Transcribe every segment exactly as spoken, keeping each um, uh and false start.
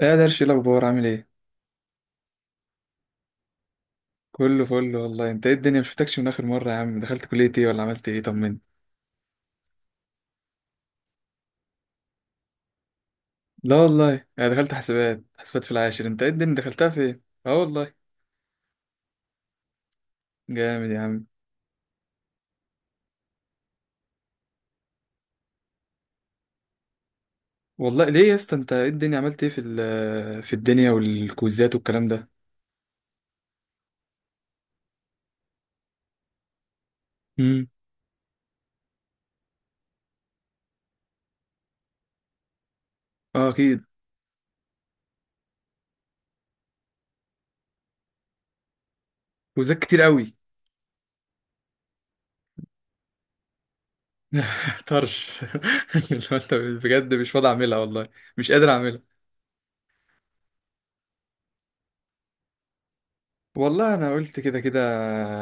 ايه يا درش، إيه الاخبار؟ عامل ايه؟ كله فل والله. انت ايه الدنيا؟ مشفتكش من اخر مره يا عم. دخلت كليه ايه ولا عملت ايه؟ طمني. لا والله، انا دخلت حسابات حسابات في العاشر. انت ايه الدنيا؟ دخلتها في ايه؟ اه والله. جامد يا عم. والله ليه يا اسطى؟ انت ايه الدنيا؟ عملت ايه في ال- في الدنيا والكوزات والكلام ده؟ امم. اه اكيد. كوزات كتير قوي. طرش اللي هو، انت بجد مش فاضي اعملها والله. مش قادر. والله انا قلت كده كده.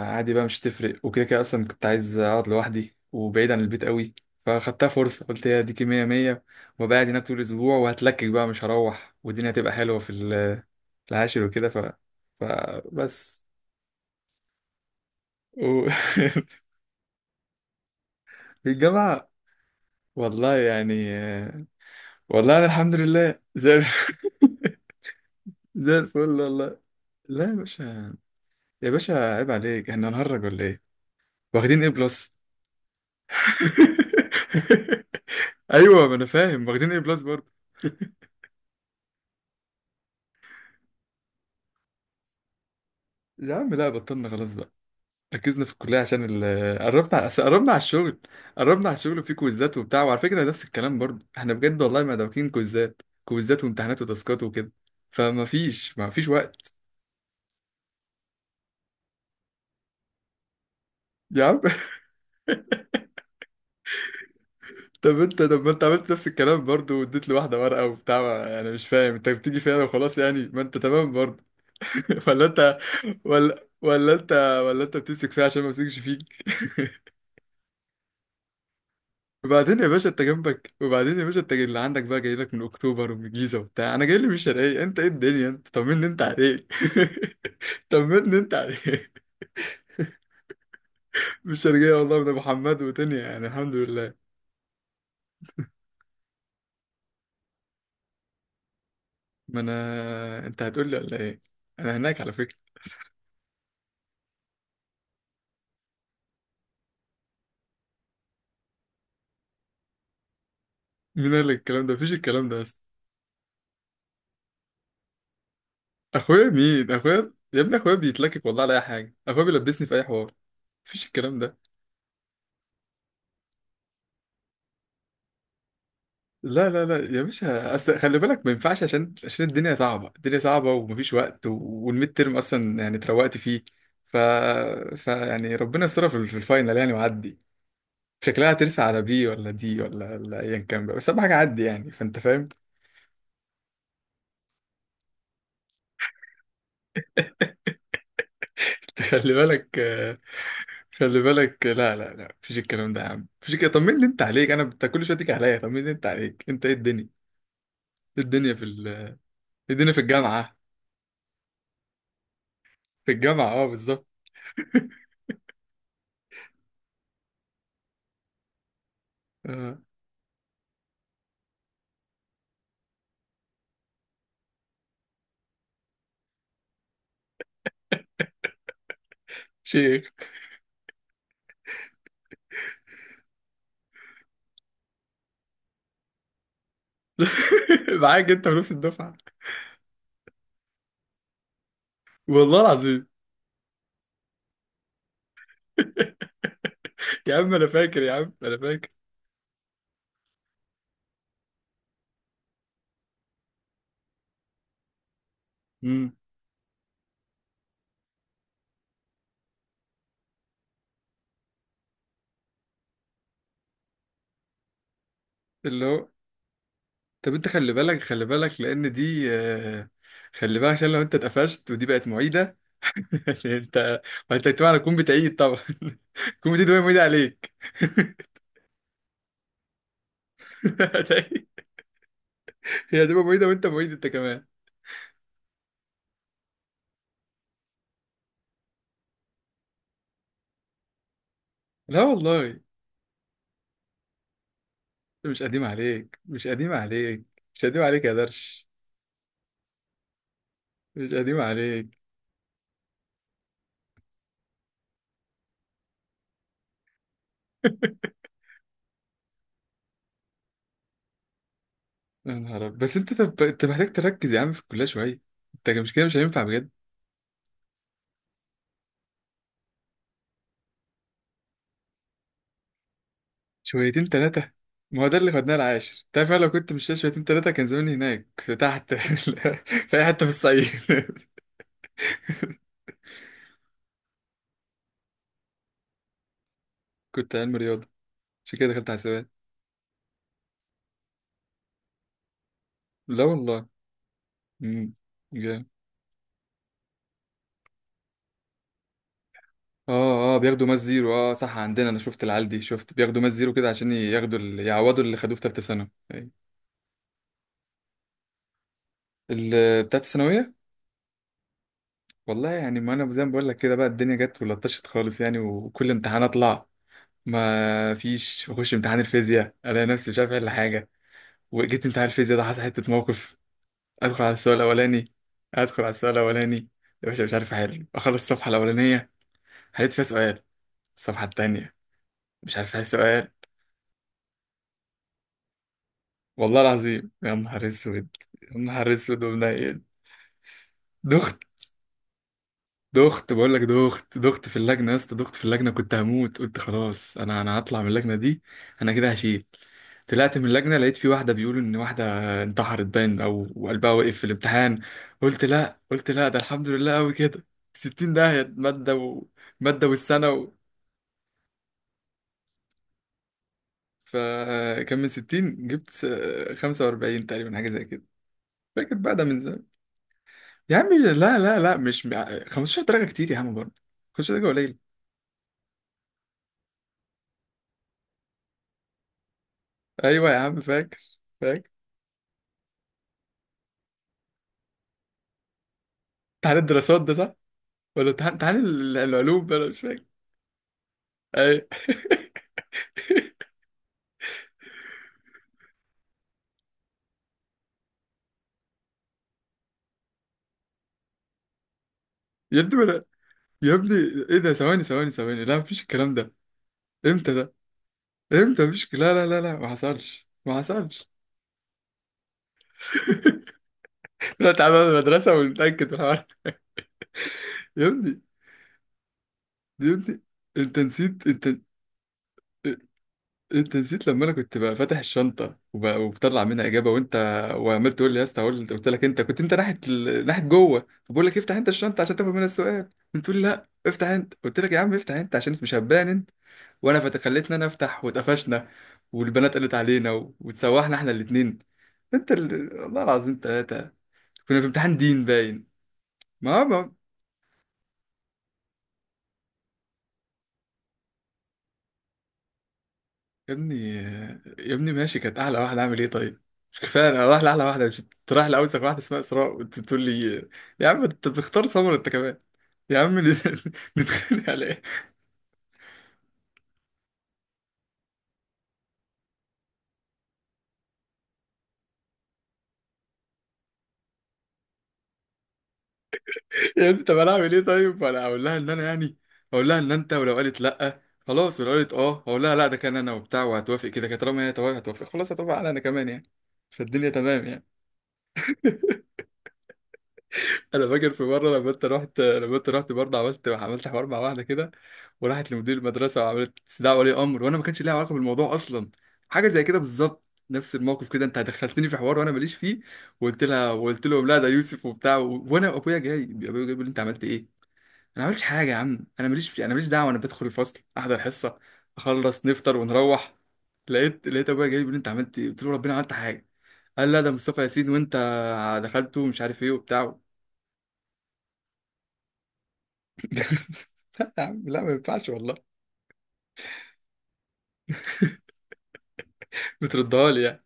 عادي بقى، مش تفرق، وكده كده اصلا كنت عايز اقعد لوحدي وبعيد عن البيت قوي. فخدتها فرصه، قلت هي ديكي مية مية. وأبقى قاعد هناك طول الاسبوع وهتلكك بقى مش هروح، والدنيا هتبقى حلوه في ال- العاشر وكده ف فبس و... في الجامعه. والله يعني. والله انا الحمد لله زي الف- زي الفل والله. لا يا باشا. يا باشا عيب عليك، احنا هنهرج ولا ايه؟ واخدين ايه بلس؟ ايوه ما انا فاهم واخدين ايه بلس برضه. يا عم لا، بطلنا خلاص بقى. ركزنا في الكليه عشان ال- قربنا أصل قربنا على الشغل. قربنا على الشغل، وفي كويزات وبتاع، وعلى فكره نفس الكلام برضه احنا بجد والله ما دابكين كويزات كويزات وامتحانات وتاسكات وكده. فما فيش ما فيش وقت. يا عم. طب انت طب ما انت عملت نفس الكلام برضه، واديت لي واحده ورقه وبتاع، ما- انا مش فاهم، انت بتيجي فيها وخلاص يعني ما انت تمام برضه. ولا انت. ولا ولا انت. ولا انت بتمسك فيها عشان ما بتمسكش فيك. وبعدين يا باشا انت جنبك، وبعدين يا باشا انت اللي عندك بقى، جاي لك من اكتوبر ومن الجيزه وبتاع، انا جاي لي من الشرقيه. انت ايه الدنيا؟ انت طمني انت عليك. طمني انت عليك. من الشرقيه والله، من ابو حماد ودنيا يعني الحمد لله. ما انا، انت هتقول لي ولا ايه؟ انا هناك على فكره. مين قال لك الكلام ده؟ مفيش الكلام ده اصلا. اخويا؟ مين اخويا يا ابني؟ اخويا بيتلكك والله على اي حاجه، اخويا بيلبسني في اي حوار. مفيش الكلام ده. لا، لا، لا يا باشا، اصل خلي بالك ما ينفعش، عشان عشان الدنيا صعبه، الدنيا صعبه، ومفيش وقت و- والميد ترم اصلا يعني اتروقت فيه. ف... ف يعني ربنا يسترها في ال- في الفاينل يعني وعدي. شكلها هترسى على بي ولا دي ولا ولا ايا كان بقى، بس اهم حاجه عدي يعني، فانت فاهم. خلي بالك آه، خلي بالك آه، لا، لا، لا، مفيش الكلام ده يا عم، مفيش الكلام. طمني انت عليك. انا بت- كل شويه تيجي عليا، طمني انت عليك، انت ايه الدنيا؟ إيه الدنيا في ال... إيه الدنيا في الجامعه؟ في الجامعه اه بالظبط. آه. شيخ. معاك انت ونفس الدفعه. والله العظيم. يا عم انا فاكر، يا عم انا فاكر. امم. اللي هو، طب انت، خلي بالك خلي بالك لان دي آه، خلي بالك عشان لو انت اتقفشت ودي بقت معيده. انت، وانت طبعا هتكون بتعيد طبعا. تكون بتعيد وهي معيده عليك. هتعيد، هي هتبقى معيده وانت معيد انت كمان. لا والله انت. مش قديم عليك، مش قديم عليك. مش قديم عليك يا درش. مش قديم عليك. يا نهار أبيض. بس انت طب انت محتاج تركز يا عم في الكليه شويه. انت مش كده مش هينفع بجد. شويتين ثلاثه. ما هو ده اللي خدناه العاشر. تعرف أنا لو كنت مش شويتين ثلاثه كان زماني هناك في تحت في اي حته في الصعيد. كنت علم رياضه. عشان كده دخلت حسابات. لا والله. امم. جامد. اه، اه، بياخدوا ماس زيرو. اه صح، عندنا انا شفت العيال دي، شفت بياخدوا ماس زيرو كده عشان ياخدوا ال- يعوضوا اللي خدوه في ثالثه ثانوي. أيوة. ال- بتاعت الثانويه. والله يعني، ما انا زي ما بقول لك كده بقى، الدنيا جت ولطشت خالص يعني، وكل امتحان اطلع. ما فيش بخش امتحان الفيزياء الاقي نفسي مش عارف الا حاجه. وجيت امتحان الفيزياء ده، حصل حته موقف. ادخل على السؤال الاولاني. ادخل على السؤال الاولاني. يا باشا مش عارف احل. اخلص الصفحه الاولانيه، حليت فيها سؤال. الصفحه التانيه، مش عارف احل سؤال. والله العظيم يا نهار اسود. يا نهار اسود ومنيل. دخت. دخت بقول لك، دخت دخت في اللجنه يا اسطى، دخت في اللجنه، كنت هموت. قلت خلاص انا انا هطلع من اللجنه دي، انا كده هشيل. طلعت من اللجنة لقيت في واحدة بيقولوا إن واحدة انتحرت باين، أو وقلبها وقف في الامتحان. قلت لا، قلت لا، ده الحمد لله أوي كده. ستين داهية مادة. ومادة والسنة و... فكان من ستين جبت س- خمسة وأربعين تقريبا، حاجة زي كده. فاكر بقى، ده من زمان. يا عم لا. لا، لا، مش خمستاشر درجة كتير يا عم برضه. خمستاشر درجة قليل. أيوة يا عم فاكر. فاكر امتحان الدراسات ده صح؟ ولا امتحان امتحان ال- العلوم ده؟ أنا مش فاكر. أيوة. يبدو. يا ابني. ايه ده؟ ثواني، ثواني، ثواني، لا مفيش الكلام ده. امتى ده؟ امتى؟ مفيش، لا، لا، لا، لا، ما حصلش، ما حصلش. لا تعالى المدرسة ونتأكد من الحوار. يا ابني. يا ابني انت نسيت، انت، انت نسيت لما انا كنت بقى فاتح الشنطه وب- وبطلع منها اجابه، وانت وعمال تقول لي يا اسطى، هقول- قلت لك، انت كنت انت ناحيه ال- ناحيه جوه، فبقول لك افتح انت الشنطه عشان تاخد منها السؤال، بتقول لي لا افتح انت، قلت لك يا عم افتح انت عشان مش هبان انت. وانا فت- خليتني انا افتح، واتقفشنا. والبنات قالت علينا و- وتسوحنا احنا الاثنين. انت ال... والله العظيم ثلاثه. كنا في امتحان دين باين. ما هو، يا ابني، يا ابني ماشي كانت احلى واحده، اعمل ايه طيب؟ مش كفايه انا رايح لاحلى واحده، مش كنت رايح لاوسخ واحده اسمها اسراء، وانت بتقول لي يا عم انت بتختار سمر انت كمان؟ يا عم نت- نتخانق على ايه؟ يا ابني طب انا اعمل ايه طيب؟ انا اقول لها ان انا يعني، اقول لها ان انت، ولو قالت لا خلاص، ولو قالت اه اقول لها لا ده كان انا وبتاع وهتوافق كده كده، طالما هي توافق هتوافق، خلاص هتوافق على انا كمان يعني، فالدنيا تمام يعني. انا فاكر في مره، لما انت رحت لما انت رحت برضه، عملت عملت حوار مع واحده كده، وراحت لمدير المدرسه وعملت استدعاء ولي امر، وانا ما كانش ليها علاقه بالموضوع اصلا. حاجه زي كده بالظبط، نفس الموقف كده، انت دخلتني في حوار وانا ماليش فيه. وقلت لها، وقلت لهم لا ده يوسف وبتاع و... وانا، وابويا جاي، ابويا جاي بيقول لي انت عملت ايه. انا ما عملتش حاجه يا عم، انا ماليش في... انا ماليش دعوه، انا بدخل الفصل احضر حصه، اخلص نفطر ونروح. لقيت لقيت ابويا جاي بيقول لي انت عملت ايه، قلت له ربنا عملت حاجه؟ قال لا ده مصطفى ياسين، وانت دخلته مش عارف ايه وبتاع. لا يا عم لا، ما ينفعش والله. بتردها لي يعني؟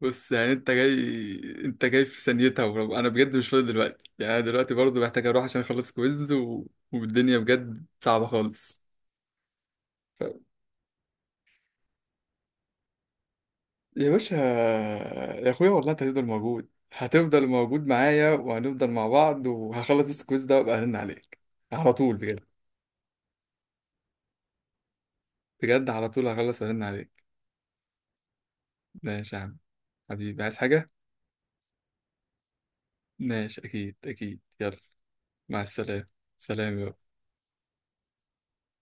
بص يعني انت جاي، انت جاي في ثانيتها، ولو- انا بجد مش فاضي دلوقتي يعني، انا دلوقتي برضه محتاج اروح عشان اخلص كويز و... والدنيا بجد صعبة خالص. ف... يا باشا، يا اخويا والله انت هتفضل موجود، هتفضل موجود معايا، وهنفضل مع بعض، وهخلص بس الكويز ده وابقى ارن عليك على طول بجد. بجد على طول هخلص ارن عليك. ماشي يا عم. حبيبي عايز حاجة؟ ماشي، اكيد اكيد، يلا. مع السلامة. سلام يا